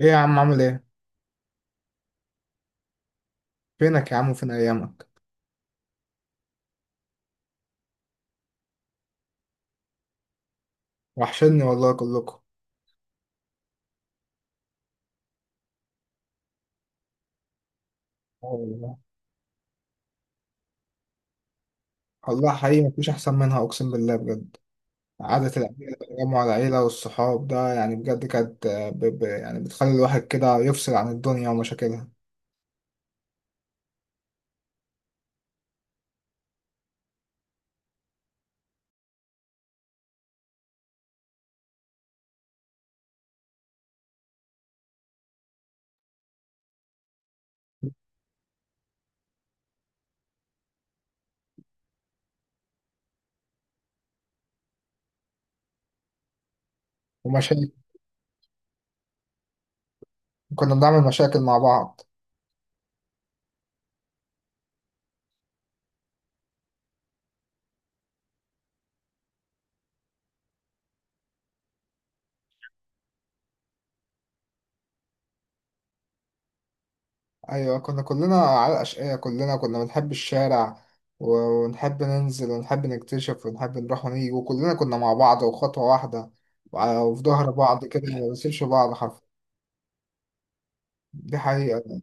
ايه يا عم، عامل ايه؟ فينك يا عم وفين ايامك؟ وحشني والله كلكم. آه والله. والله حقيقي مفيش احسن منها، اقسم بالله بجد. قعدة العيلة، تجمع العيلة والصحاب ده، يعني بجد كانت يعني بتخلي الواحد كده يفصل عن الدنيا ومشاكلها. ومشاكل. كنا بنعمل مشاكل مع بعض. ايوه، كنا كلنا على الاشقية، كلنا كنا بنحب الشارع و... ونحب ننزل ونحب نكتشف ونحب نروح ونيجي، وكلنا كنا مع بعض وخطوة واحدة، وفي ظهر بعض كده، ما بنسيبش بعض حرفيا. دي حقيقة.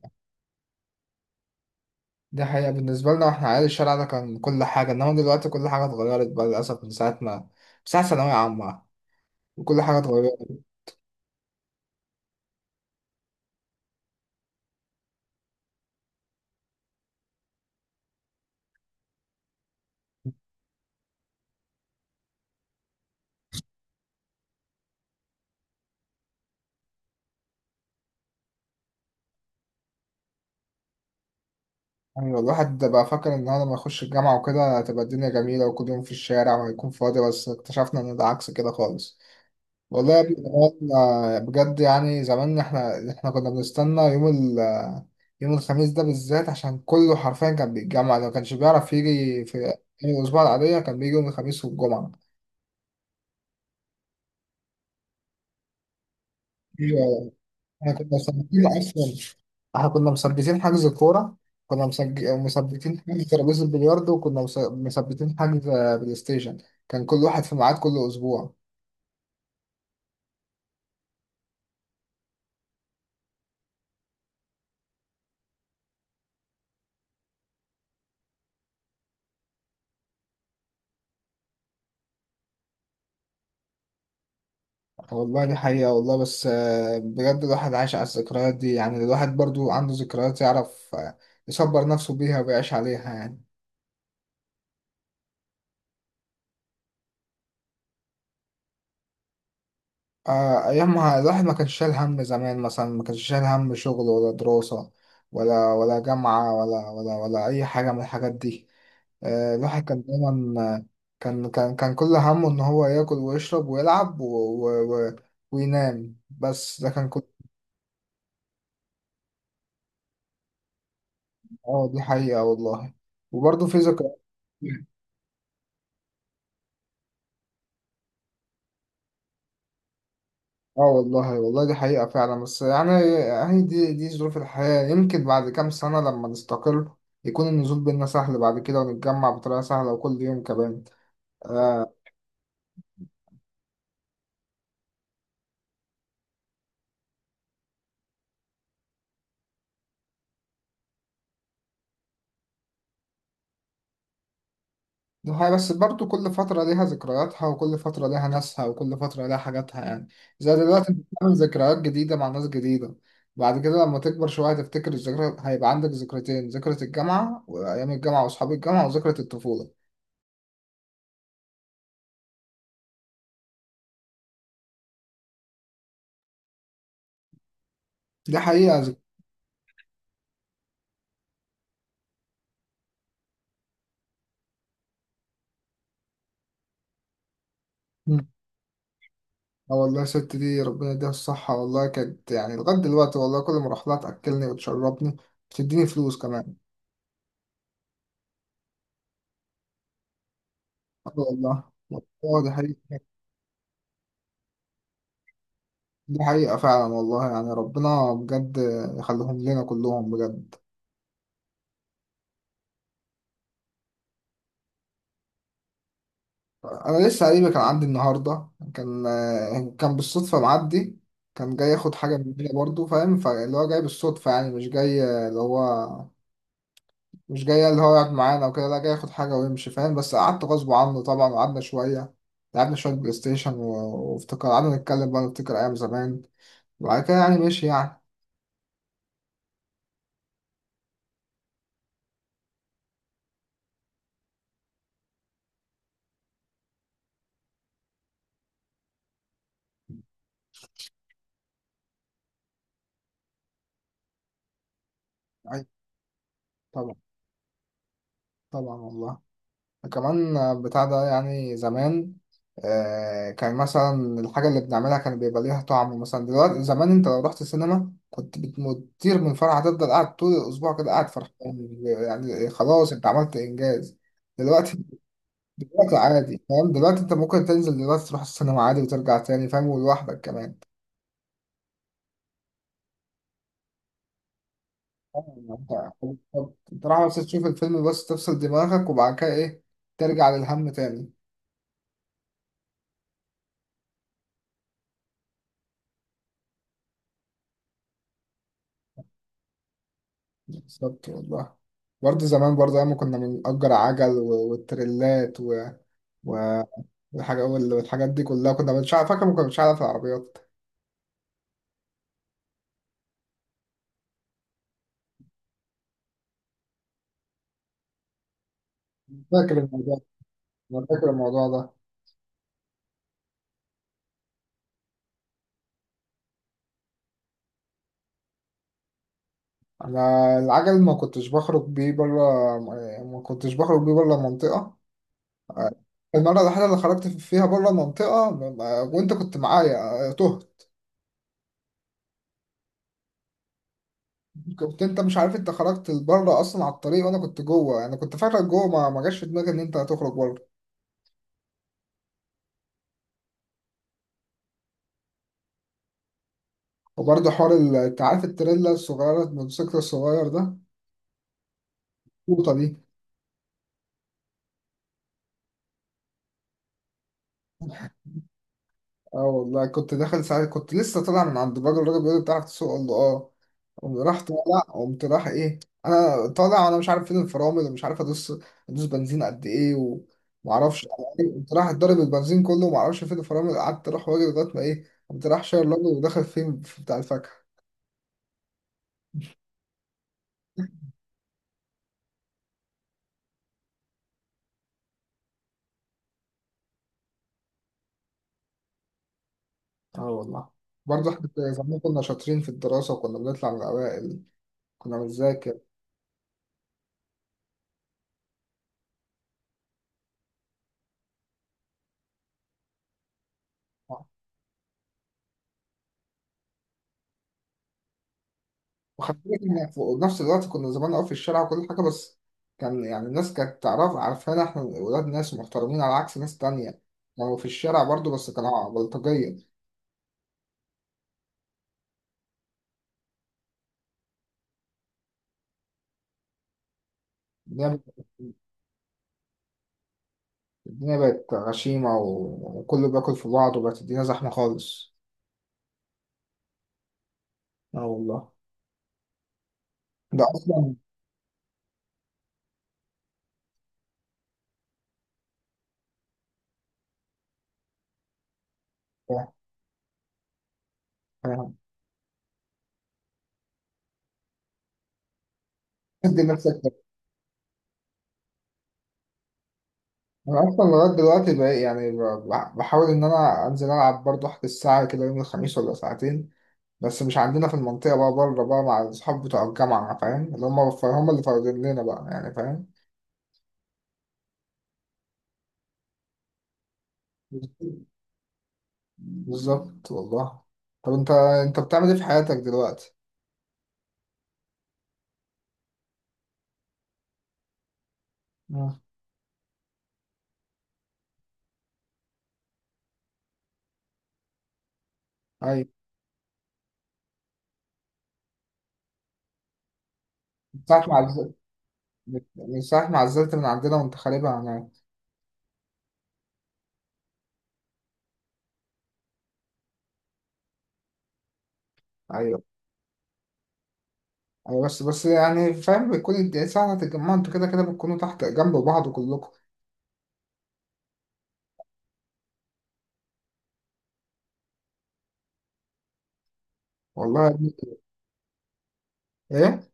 دي حقيقة بالنسبة لنا، واحنا عيال الشارع ده كان كل حاجة، انما دلوقتي كل حاجة اتغيرت بقى للأسف، من ساعة ما ساعة ثانوية عامة، وكل حاجة اتغيرت. يعني الواحد ده بقى فاكر ان هو لما يخش الجامعة وكده هتبقى الدنيا جميلة وكل يوم في الشارع وهيكون فاضي، بس اكتشفنا ان ده عكس كده خالص. والله يا ابني بجد، يعني زمان احنا كنا بنستنى يوم الخميس ده بالذات، عشان كله حرفيا كان بيتجمع، لو كانش بيعرف يجي في أيام الأسبوع العادية كان بيجي يوم الخميس والجمعة. احنا كنا مثبتين اصلا. احنا كنا مثبتين حجز الكوره. كنا مثبتين حجز ترابيزه البلياردو، وكنا مثبتين بلاي ستيشن. كان كل واحد في ميعاد كل اسبوع. والله دي حقيقة والله، بس بجد الواحد عايش على الذكريات دي، يعني الواحد برضو عنده ذكريات، يعرف يصبر نفسه بيها ويعيش عليها يعني. أيامها الواحد ما كانش شايل هم، زمان مثلا ما كانش شايل هم شغل ولا دراسة ولا جامعة، ولا أي حاجة من الحاجات دي. الواحد كان دايما. كان كل همه ان هو ياكل ويشرب ويلعب و... و... وينام، بس ده كان كل. اه دي حقيقة والله، وبرضه في ذكريات. اه والله، والله دي حقيقة فعلا، بس يعني هي دي ظروف الحياة، يمكن بعد كام سنة لما نستقر يكون النزول بينا سهل بعد كده، ونتجمع بطريقة سهلة وكل يوم كمان. آه، دي حقيقة، بس برضو كل فترة ليها ذكرياتها، وكل فترة ليها ناسها، وكل فترة ليها حاجاتها يعني. زي دلوقتي، انت بتعمل ذكريات جديدة مع ناس جديدة. بعد كده لما تكبر شوية هتفتكر الذكرى، هيبقى عندك ذكرتين: ذكرى الجامعة وأيام الجامعة وأصحاب الجامعة، وذكرى الطفولة. دي حقيقة. مم. اه والله، الست دي ربنا يديها الصحة، والله كانت يعني لغاية دلوقتي والله، كل ما أروح لها تأكلني وتشربني، بتديني فلوس كمان. اه والله. والله دي حقيقة. دي حقيقة فعلا والله، يعني ربنا بجد يخليهم لنا كلهم بجد. انا لسه قريبي كان عندي النهارده، كان بالصدفه معدي، كان جاي ياخد حاجه مننا برضه، فاهم؟ فاللي هو جاي بالصدفه، يعني مش جاي، اللي هو مش جاي اللي هو يقعد معانا وكده، لا جاي ياخد حاجه ويمشي فاهم، بس قعدت غصب عنه طبعا وقعدنا شويه، لعبنا شويه بلاي ستيشن وافتكر قعدنا نتكلم بقى نفتكر ايام زمان، وبعد كده يعني ماشي يعني. أي، طبعا. طبعا والله. كمان بتاع ده يعني زمان، كان مثلا الحاجة اللي بنعملها كان بيبقى ليها طعم. مثلا دلوقتي، زمان انت لو رحت السينما كنت بتطير من الفرحة، هتفضل قاعد طول الأسبوع كده قاعد فرحان، يعني خلاص انت عملت إنجاز. دلوقتي، عادي فاهم، دلوقتي انت ممكن تنزل دلوقتي تروح السينما عادي وترجع تاني فاهم، ولوحدك كمان. آه، انت انت رايح بس تشوف الفيلم، بس تفصل دماغك، وبعد كده ايه، ترجع للهم تاني. بالظبط والله. برضه زمان، برضه أيام ما كنا بنأجر عجل والتريلات و- والحاجة والحاجات دي كلها، كنا مش عارف، فاكر ما كناش عارف العربيات. فاكر الموضوع ده. أنا فاكر الموضوع ده. أنا العجل ما كنتش بخرج بيه بره، ما كنتش بخرج بيه بره المنطقة. المرة الوحيدة اللي خرجت فيها بره المنطقة وأنت كنت معايا تهت. كنت أنت مش عارف، أنت خرجت بره أصلا على الطريق، وأنا كنت جوه، أنا كنت فاكرك جوه، ما جاش في دماغي إن أنت هتخرج بره. وبرضه حوار انت عارف التريلا الصغيرة، الموتوسيكل الصغير ده، القوطة دي. اه والله كنت داخل ساعات، كنت لسه طالع من عند الراجل، الراجل بيقول لي بتعرف تسوق؟ قال له اه. قمت راح طالع، قمت راح ايه، انا طالع وانا مش عارف فين الفرامل ومش عارف ادوس، ادوس بنزين قد ايه، ومعرفش. قمت راح اتضرب البنزين كله ومعرفش فين الفرامل، قعدت اروح واجي لغاية ما ايه، قمت راح شاير الراجل وداخل فين، في بتاع الفاكهة. اه والله. برضه احنا زمان كنا شاطرين في الدراسة وكنا بنطلع من الأوائل، كنا بنذاكر. وخدت بالك إن في نفس الوقت كنا زمان قوي في الشارع وكل حاجة، بس كان يعني الناس كانت تعرف، عارفانا إحنا ولاد ناس ومحترمين على عكس ناس تانية، كانوا في الشارع برضو بس كانوا بلطجية. الدنيا الدنيا بقت غشيمة وكله بياكل في بعض، وبقت الدنيا زحمة خالص. اه والله. ده أصلا دي نفسك ده. أنا أصلا لغاية دلوقتي بقى يعني بحاول إن أنا أنزل ألعب برضو، أحجز الساعة كده يوم الخميس ولا ساعتين، بس مش عندنا في المنطقة بقى، بره بقى مع الأصحاب بتوع الجامعة، فاهم؟ اللي هم هم اللي فاضلين لنا بقى يعني فاهم. بالظبط والله. طب أنت، أنت بتعمل إيه في حياتك دلوقتي؟ مم. أيوة. من ساعة ما عزلت، من ساعة ما عزلت من عندنا، وأنت خاربها هناك. أيوة. أيوة، بس يعني فاهم، بيكون أنت ساعة ما تتجمعوا أنتوا كده كده بتكونوا تحت جنب بعض كلكم. والله يا ابني. إيه؟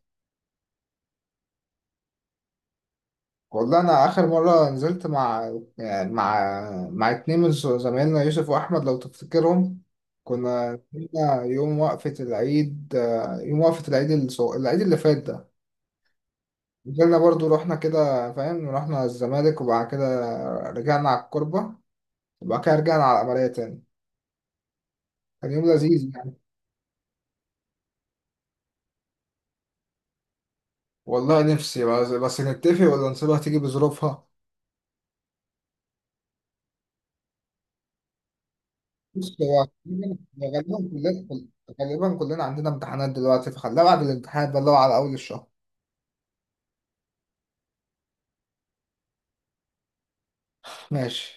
والله انا اخر مره نزلت مع يعني مع مع اتنين من زمايلنا، يوسف واحمد لو تفتكرهم. كنا نزلنا يوم وقفه العيد، العيد اللي فات ده. نزلنا برضو رحنا كده فاهم، رحنا الزمالك، وبعد كده رجعنا على الكوربه، وبعد كده رجعنا على العمليه تاني. كان يوم لذيذ يعني. والله نفسي، بس نتفق ولا نسيبها تيجي بظروفها. بص هو غالبا، كلنا عندنا امتحانات دلوقتي، فخليها بعد الامتحان بقى اللي هو على اول الشهر. ماشي.